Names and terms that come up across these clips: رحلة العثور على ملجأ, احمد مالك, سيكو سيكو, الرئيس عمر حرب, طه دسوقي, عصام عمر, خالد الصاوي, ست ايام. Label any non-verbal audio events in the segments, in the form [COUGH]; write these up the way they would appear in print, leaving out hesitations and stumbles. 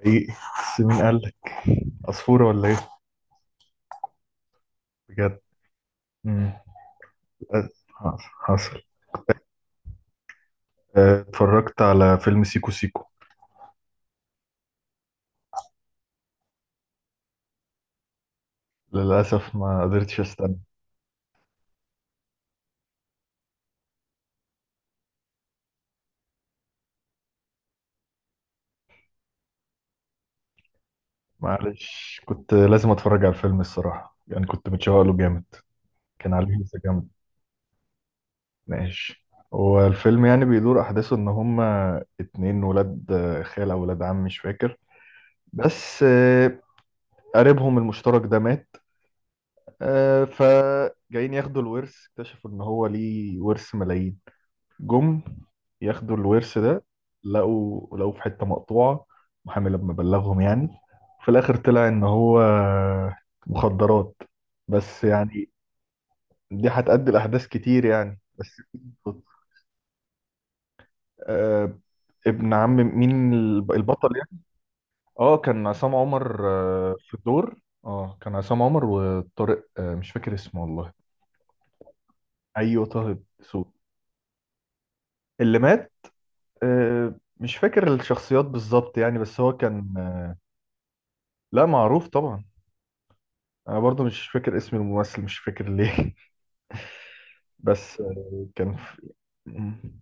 حقيقي. بس مين قال لك؟ عصفورة ولا ايه؟ بجد؟ مم. أ- حصل. اتفرجت على فيلم سيكو سيكو. للأسف ما قدرتش استنى. معلش كنت لازم اتفرج على الفيلم الصراحة، يعني كنت متشوق له جامد. كان عليه لسه جامد. ماشي. هو الفيلم يعني بيدور أحداثه إن هما اتنين ولاد، خال أو ولاد عم مش فاكر. بس قريبهم المشترك ده مات. فجايين ياخدوا الورث، اكتشفوا إن هو ليه ورث ملايين. جم ياخدوا الورث ده. لقوا في حتة مقطوعة محامي لما بلغهم يعني. في الآخر طلع إن هو مخدرات. بس يعني دي هتأدي لأحداث كتير يعني بس. آه، ابن عم مين؟ البطل يعني. اه، كان عصام عمر في الدور. اه، كان عصام عمر وطارق، مش فاكر اسمه والله. ايوه، طه دسوقي. اللي مات. آه، مش فاكر الشخصيات بالظبط يعني. بس هو كان، لا، معروف طبعا. انا برضو مش فاكر اسم الممثل، مش فاكر ليه. [LAUGHS] بس كان في... مم.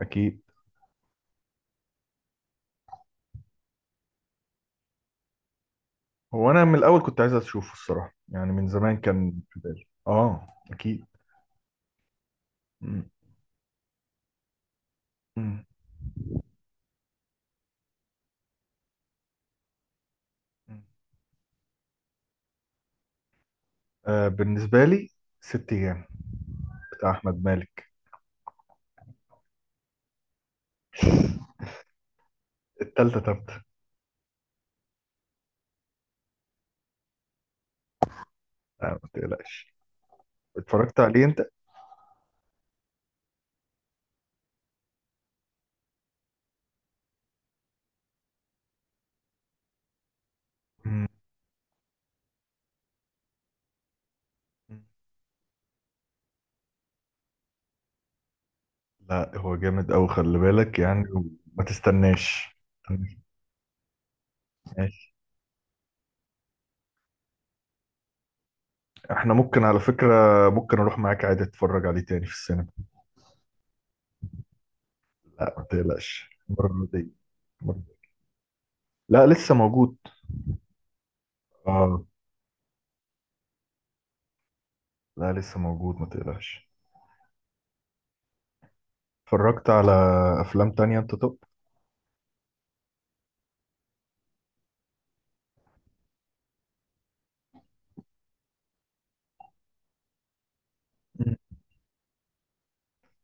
اكيد. هو انا من الاول كنت عايز اشوفه الصراحه، يعني من زمان كان في بالي. اه، اكيد. مم. مم. مم. آه، بالنسبه لي ست ايام بتاع احمد مالك. [LAUGHS] التالتة تالتة. آه، ما تقلقش. اتفرجت عليه انت؟ مم. لا، هو جامد أوي خلي بالك يعني، وما تستناش. احنا ممكن على فكرة، ممكن اروح معاك عادي اتفرج عليه تاني في السينما. لا، ما تقلقش المرة دي. المرة دي. لا، لسه موجود. اه، لا، لسه موجود ما تقلقش. اتفرجت على افلام تانية انت طب؟ مم.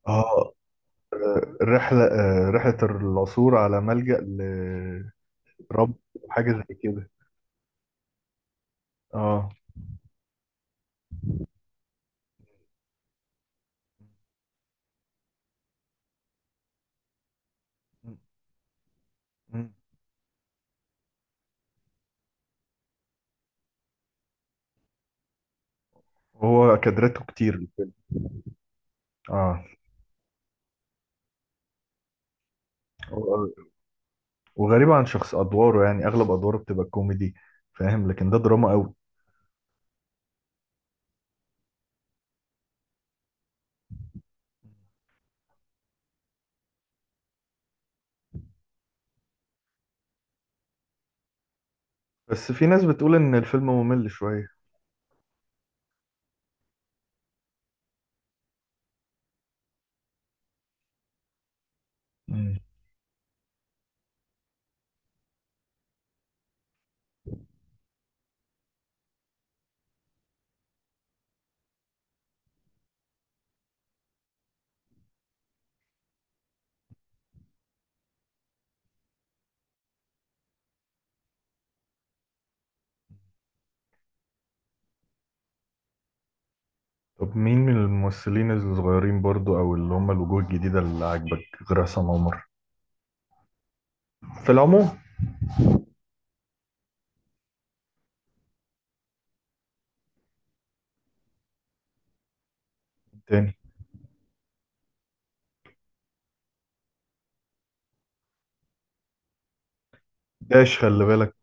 اه، رحلة العثور على ملجأ لرب. حاجة زي كده. اه. مم. هو كادرته كتير. اه، و- وغريبة عن شخص ادواره، يعني اغلب ادواره بتبقى كوميدي. فاهم، لكن ده دراما قوي. بس في ناس بتقول ان الفيلم ممل شوية. مم. طب مين من الممثلين الصغيرين برضو، او اللي هم الوجوه الجديدة اللي عاجبك غير عصام عمر في العموم؟ تاني؟ داش، خلي بالك.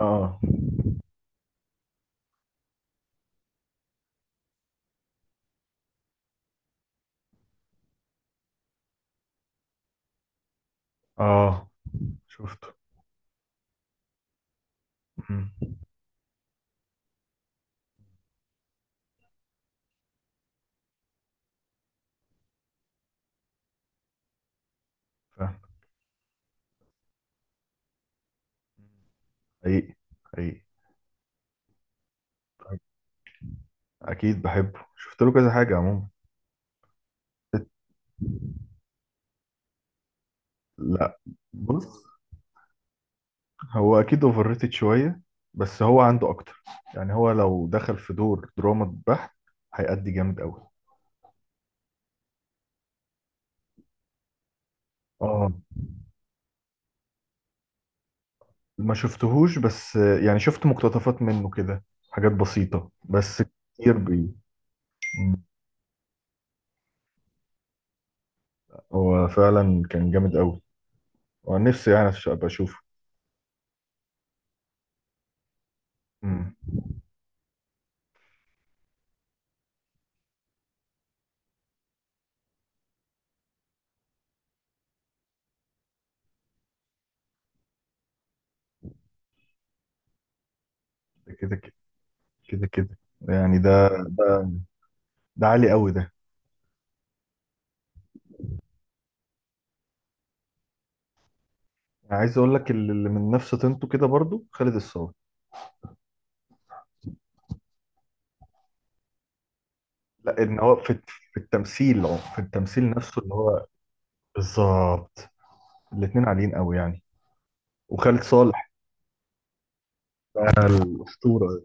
اه، اه، شفته. مم. فاهم. حقيقي. حقيقي. اكيد بحبه، شفت له كذا حاجة عموما. لا. بص، هو اكيد اوفر ريتد شوية بس هو عنده اكتر. يعني هو لو دخل في دور دراما بحت هيأدي جامد قوي. اه، ما شفتهوش بس يعني شفت مقتطفات منه كده. حاجات بسيطة بس. كتير بي. مم. هو فعلا كان جامد قوي. ونفسي يعني ابقى اشوفه. مم. كده كده. كده كده. يعني ده ده عالي قوي ده. انا عايز اقول لك اللي من نفس طينته كده برضو خالد الصاوي. لا، ان هو في التمثيل، في التمثيل نفسه اللي هو. بالظبط. الاتنين عاليين قوي يعني. وخالد صالح. ده الاسطورة.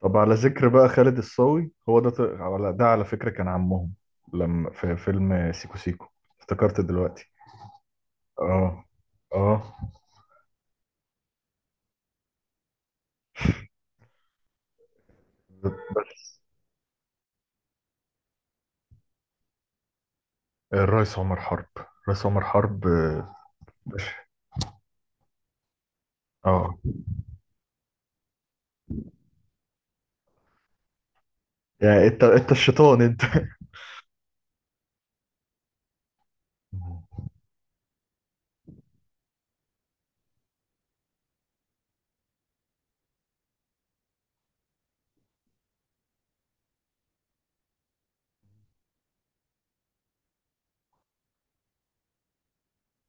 طب على ذكر بقى خالد الصاوي، هو ده، على فكرة كان عمهم لما في فيلم سيكو سيكو افتكرت دلوقتي. اه، اه، الرئيس عمر حرب. الرئيس عمر حرب. باشا. اه. يعني انت الشيطان انت. [LAUGHS] مم.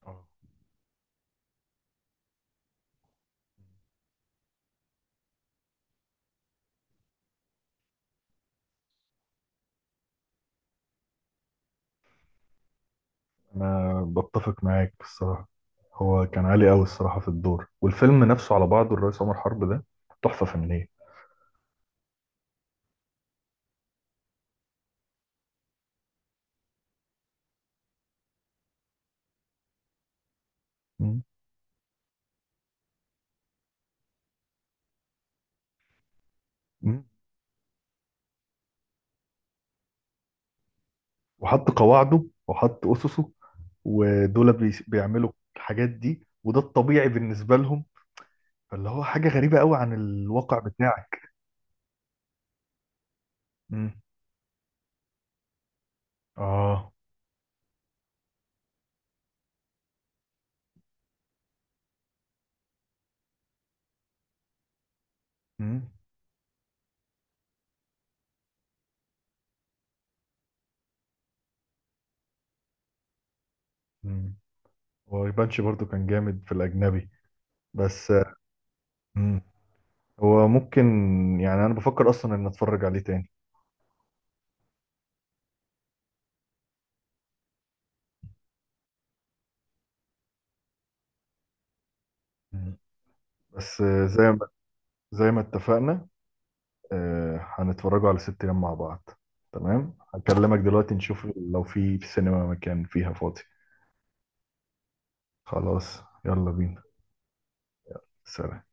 آه. انا بتفق معاك الصراحة. هو كان عالي قوي الصراحة في الدور، والفيلم نفسه على بعضه الرئيس عمر حرب ده تحفة فنية. مم. مم. وحط قواعده، وحط أسسه، ودول بيعملوا الحاجات دي، وده الطبيعي بالنسبة لهم. فاللي هو حاجة غريبة قوي عن الواقع بتاعك. امم. اه. امم. امم. هو يبانش برضو كان جامد في الأجنبي بس. امم. هو ممكن، يعني أنا بفكر أصلا إن أتفرج عليه تاني. مم. بس زي ما اتفقنا. هنتفرجوا على ست أيام مع بعض. تمام، هكلمك دلوقتي نشوف. لو في السينما مكان فيها فاضي. خلاص. يلا بينا. سلام.